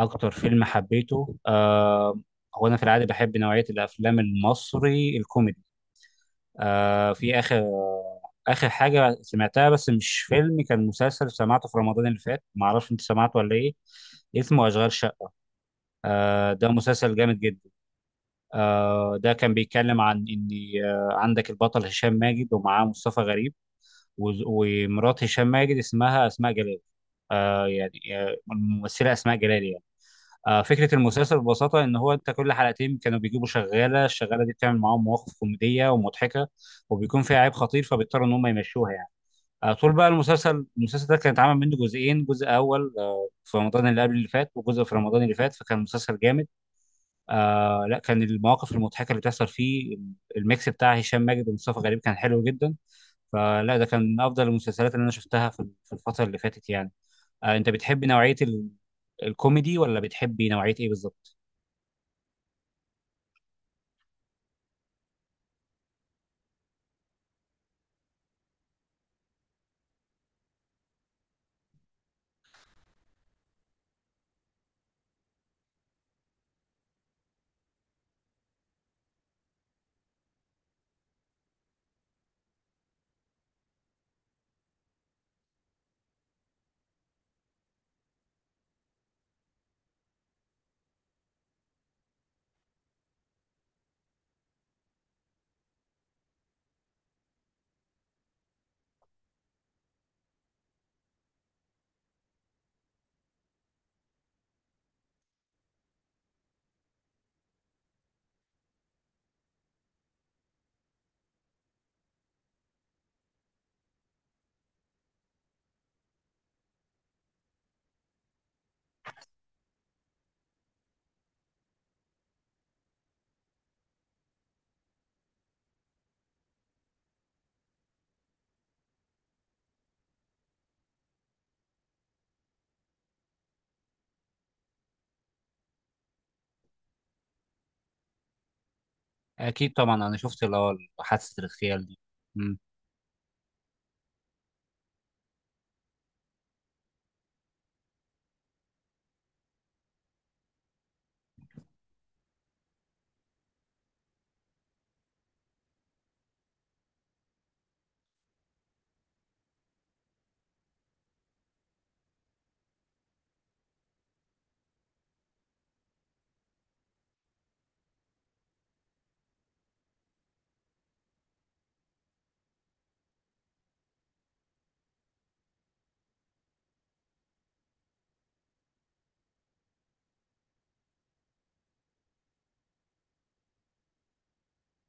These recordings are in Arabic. أكتر فيلم حبيته هو أنا في العادة بحب نوعية الأفلام المصري الكوميدي. في آخر حاجة سمعتها، بس مش فيلم، كان مسلسل سمعته في رمضان اللي فات، معرفش أنت سمعته ولا إيه. اسمه أشغال شقة. ده مسلسل جامد جدا. ده كان بيتكلم عن إن عندك البطل هشام ماجد ومعاه مصطفى غريب، ومرات هشام ماجد اسمها أسماء جلال. يعني الممثلة أسماء جلال يعني. فكرة المسلسل ببساطة إن هو أنت كل حلقتين كانوا بيجيبوا شغالة، الشغالة دي بتعمل معاهم مواقف كوميدية ومضحكة، وبيكون فيها عيب خطير فبيضطروا إن هم يمشوها يعني. طول بقى المسلسل ده كان اتعمل منه جزئين، جزء أول في رمضان اللي قبل اللي فات، وجزء في رمضان اللي فات، فكان مسلسل جامد. لا، كان المواقف المضحكة اللي بتحصل فيه، الميكس بتاع هشام ماجد ومصطفى غريب كان حلو جدا. فلا ده كان من أفضل المسلسلات اللي أنا شفتها في الفترة اللي فاتت يعني. أنت بتحب نوعية الكوميدي ولا بتحبي نوعية إيه بالظبط؟ اكيد طبعا انا شفت اللي هو حادثه الاغتيال دي. امم.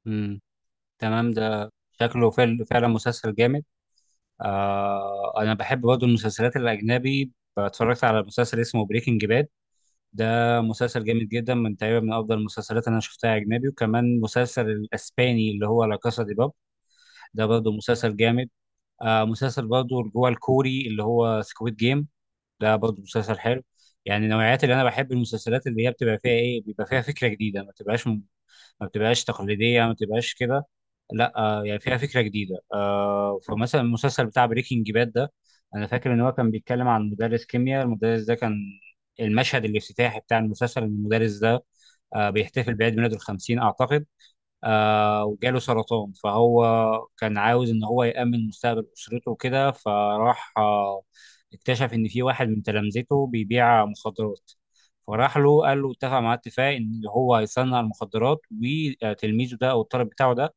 امم. تمام. ده شكله فعلا مسلسل جامد. انا بحب برضه المسلسلات الاجنبي. اتفرجت على مسلسل اسمه بريكنج باد. ده مسلسل جامد جدا، تقريبا من افضل المسلسلات اللي انا شفتها اجنبي. وكمان مسلسل الاسباني اللي هو لا كاسا دي باب، ده برضه مسلسل جامد. مسلسل برضه جوه الكوري اللي هو سكويد جيم، ده برضه مسلسل حلو. يعني نوعيات اللي انا بحب المسلسلات اللي هي بتبقى فيها ايه، بيبقى فيها فكره جديده، ما بتبقاش تقليديه، ما بتبقاش كده. لا يعني فيها فكره جديده. فمثلا المسلسل بتاع بريكنج باد ده، انا فاكر ان هو كان بيتكلم عن مدرس كيمياء، المدرس ده كان المشهد الافتتاحي بتاع المسلسل ان المدرس ده بيحتفل بعيد ميلاده الخمسين اعتقد. وجاله سرطان، فهو كان عاوز ان هو يأمن مستقبل اسرته وكده، فراح اكتشف ان في واحد من تلامذته بيبيع مخدرات. فراح له قال له، اتفق معاه اتفاق ان هو هيصنع المخدرات، وتلميذه ده او الطالب بتاعه ده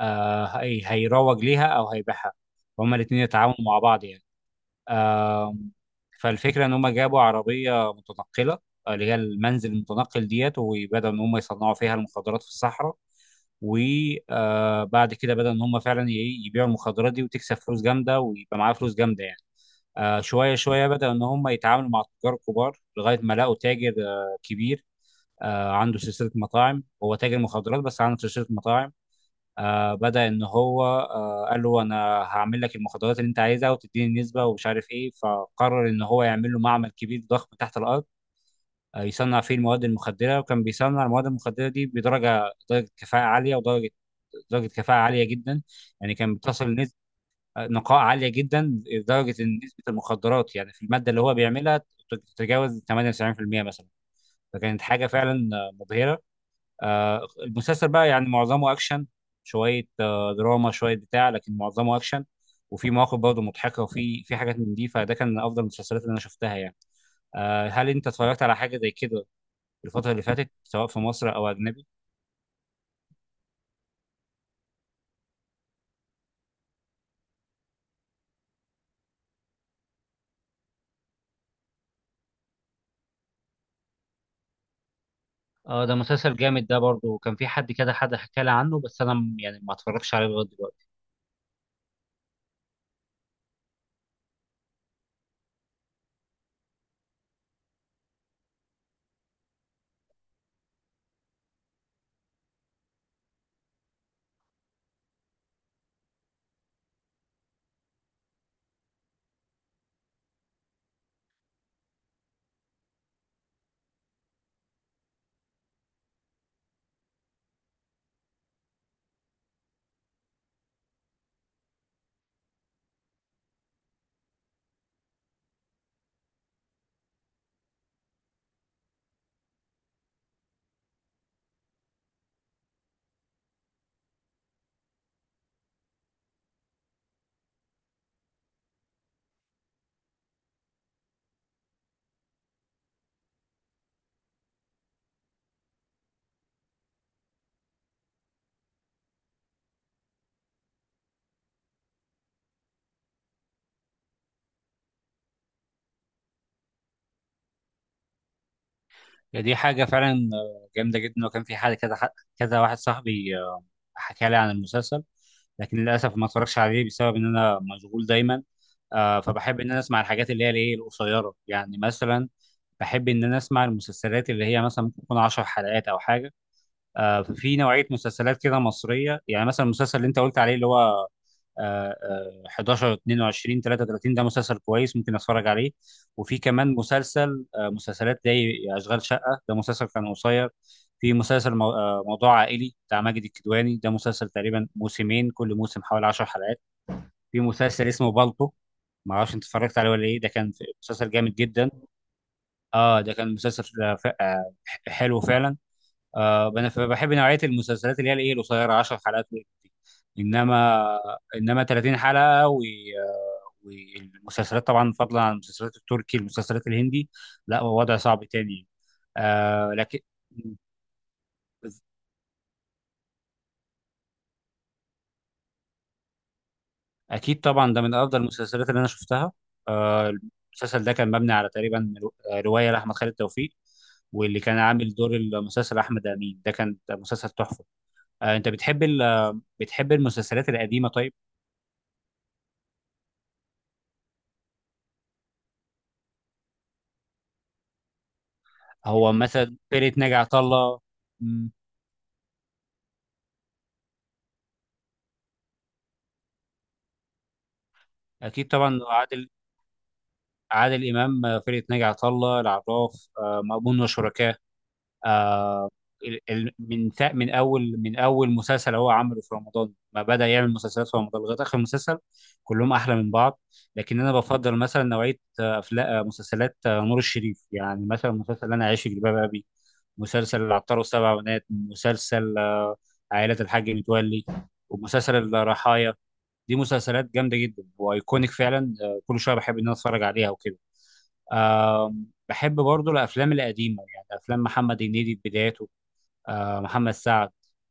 هيروج ليها او هيبيعها. هما الاتنين يتعاونوا مع بعض يعني. آه فالفكره ان هما جابوا عربيه متنقله، اللي هي المنزل المتنقل ديت، وبدأوا ان هم يصنعوا فيها المخدرات في الصحراء. وبعد كده بدأ ان هم فعلا يبيعوا المخدرات دي وتكسب فلوس جامده، ويبقى معاها فلوس جامده يعني. شويه شويه بدأ ان هم يتعاملوا مع التجار الكبار، لغايه ما لقوا تاجر كبير، عنده سلسله مطاعم، هو تاجر مخدرات بس عنده سلسله مطاعم. بدأ ان هو قال له، انا هعمل لك المخدرات اللي انت عايزها وتديني النسبه ومش عارف ايه. فقرر ان هو يعمل له معمل كبير ضخم تحت الارض، يصنع فيه المواد المخدره. وكان بيصنع المواد المخدره دي بدرجه كفاءه عاليه، ودرجه درجه كفاءه عاليه جدا. يعني كان بتصل نسبه نقاء عاليه جدا، لدرجه ان نسبه المخدرات يعني في الماده اللي هو بيعملها تتجاوز 98% مثلا. فكانت حاجه فعلا مبهره. المسلسل بقى يعني معظمه اكشن، شويه دراما، شويه بتاع، لكن معظمه اكشن. وفي مواقف برضه مضحكه، وفي حاجات من دي. فده كان من افضل المسلسلات اللي انا شفتها يعني. هل انت اتفرجت على حاجه زي كده الفترة اللي فاتت، سواء في مصر أو أجنبي؟ اه ده مسلسل جامد، ده برضه كان في حد كده حد حكى لي عنه، بس انا يعني ما اتفرجش عليه لغايه دلوقتي. يعني دي حاجة فعلا جامدة جدا. وكان في حد كذا كذا واحد صاحبي حكى لي عن المسلسل، لكن للأسف ما اتفرجش عليه بسبب إن أنا مشغول دايما. فبحب إن أنا أسمع الحاجات اللي هي الإيه القصيرة، يعني مثلا بحب إن أنا أسمع المسلسلات اللي هي مثلا ممكن تكون 10 حلقات أو حاجة. في نوعية مسلسلات كده مصرية، يعني مثلا المسلسل اللي أنت قلت عليه اللي هو 11 22 33، ده مسلسل كويس، ممكن اتفرج عليه. وفي كمان مسلسل مسلسلات زي اشغال شقه، ده مسلسل كان قصير. في مسلسل موضوع عائلي بتاع ماجد الكدواني، ده مسلسل تقريبا موسمين، كل موسم حوالي 10 حلقات. في مسلسل اسمه بالطو، ما اعرفش انت اتفرجت عليه ولا ايه، ده كان مسلسل جامد جدا. اه ده كان مسلسل حلو فعلا. انا فبحب نوعيه المسلسلات اللي هي الايه القصيره 10 حلقات دي. انما 30 حلقه و والمسلسلات طبعا، فضلا عن المسلسلات التركي المسلسلات الهندي، لا هو وضع صعب تاني. لكن اكيد طبعا ده من افضل المسلسلات اللي انا شفتها. آه المسلسل ده كان مبني على تقريبا روايه لاحمد خالد توفيق. واللي كان عامل دور المسلسل احمد امين، ده كان مسلسل تحفه. انت بتحب المسلسلات القديمه طيب؟ هو مثلا فرقة ناجي عطا الله. مم. أكيد طبعا، عادل إمام، فرقة ناجي عطا الله، العراف، مأمون وشركاه، آه، من أول مسلسل هو عمله في رمضان، ما بدأ يعمل مسلسلات في رمضان لغاية آخر مسلسل، كلهم أحلى من بعض. لكن أنا بفضل مثلا نوعية أفلام مسلسلات نور الشريف، يعني مثلا مسلسل أنا عايش في جلباب أبي، مسلسل العطار والسبع بنات، مسلسل عائلة الحاج متولي، ومسلسل الرحايا. دي مسلسلات جامده جدا وايكونيك فعلا. كل شويه بحب ان انا اتفرج عليها وكده. بحب برضو الافلام القديمه، يعني افلام محمد هنيدي في بداياته، محمد سعد،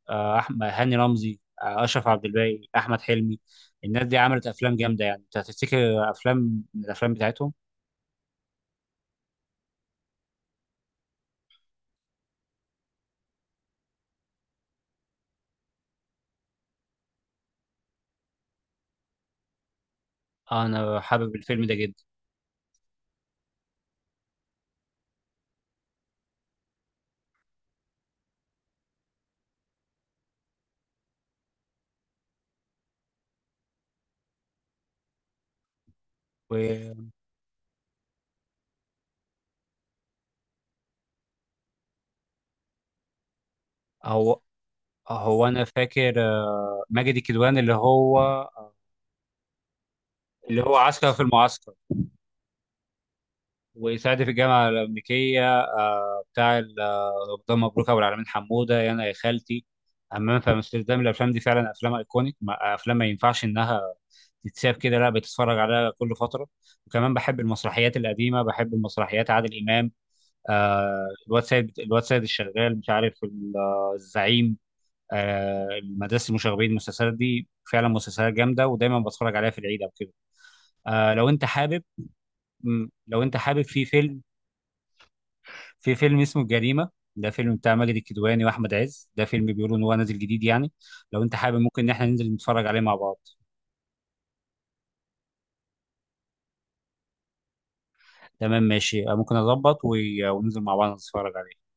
احمد هاني رمزي، اشرف عبد الباقي، احمد حلمي. الناس دي عملت افلام جامده، يعني انت هتفتكر افلام من الافلام بتاعتهم. انا حابب الفيلم ده جدا. وهو انا فاكر ماجد الكدواني اللي هو عسكر في المعسكر، ويساعد في الجامعة الأمريكية، بتاع رمضان مبروك، أبو العلمين حمودة، يا أنا يا خالتي، أمام في أمستردام. الأفلام دي فعلا أفلام أيكونيك، أفلام ما ينفعش إنها تتساب كده، لا بتتفرج عليها كل فترة. وكمان بحب المسرحيات القديمة، بحب المسرحيات عادل إمام، الواد سيد الشغال مش عارف الزعيم المدرسة المشاغبين. المسلسلات دي فعلا مسلسلات جامدة، ودايما بتفرج عليها في العيد أو كده. لو أنت حابب، لو أنت حابب في فيلم، اسمه الجريمة، ده فيلم بتاع ماجد الكدواني واحمد عز، ده فيلم بيقولوا ان هو نازل جديد يعني، لو انت حابب ممكن ان احنا ننزل نتفرج عليه مع بعض. تمام ماشي، ممكن اظبط وننزل مع بعض نتفرج عليه.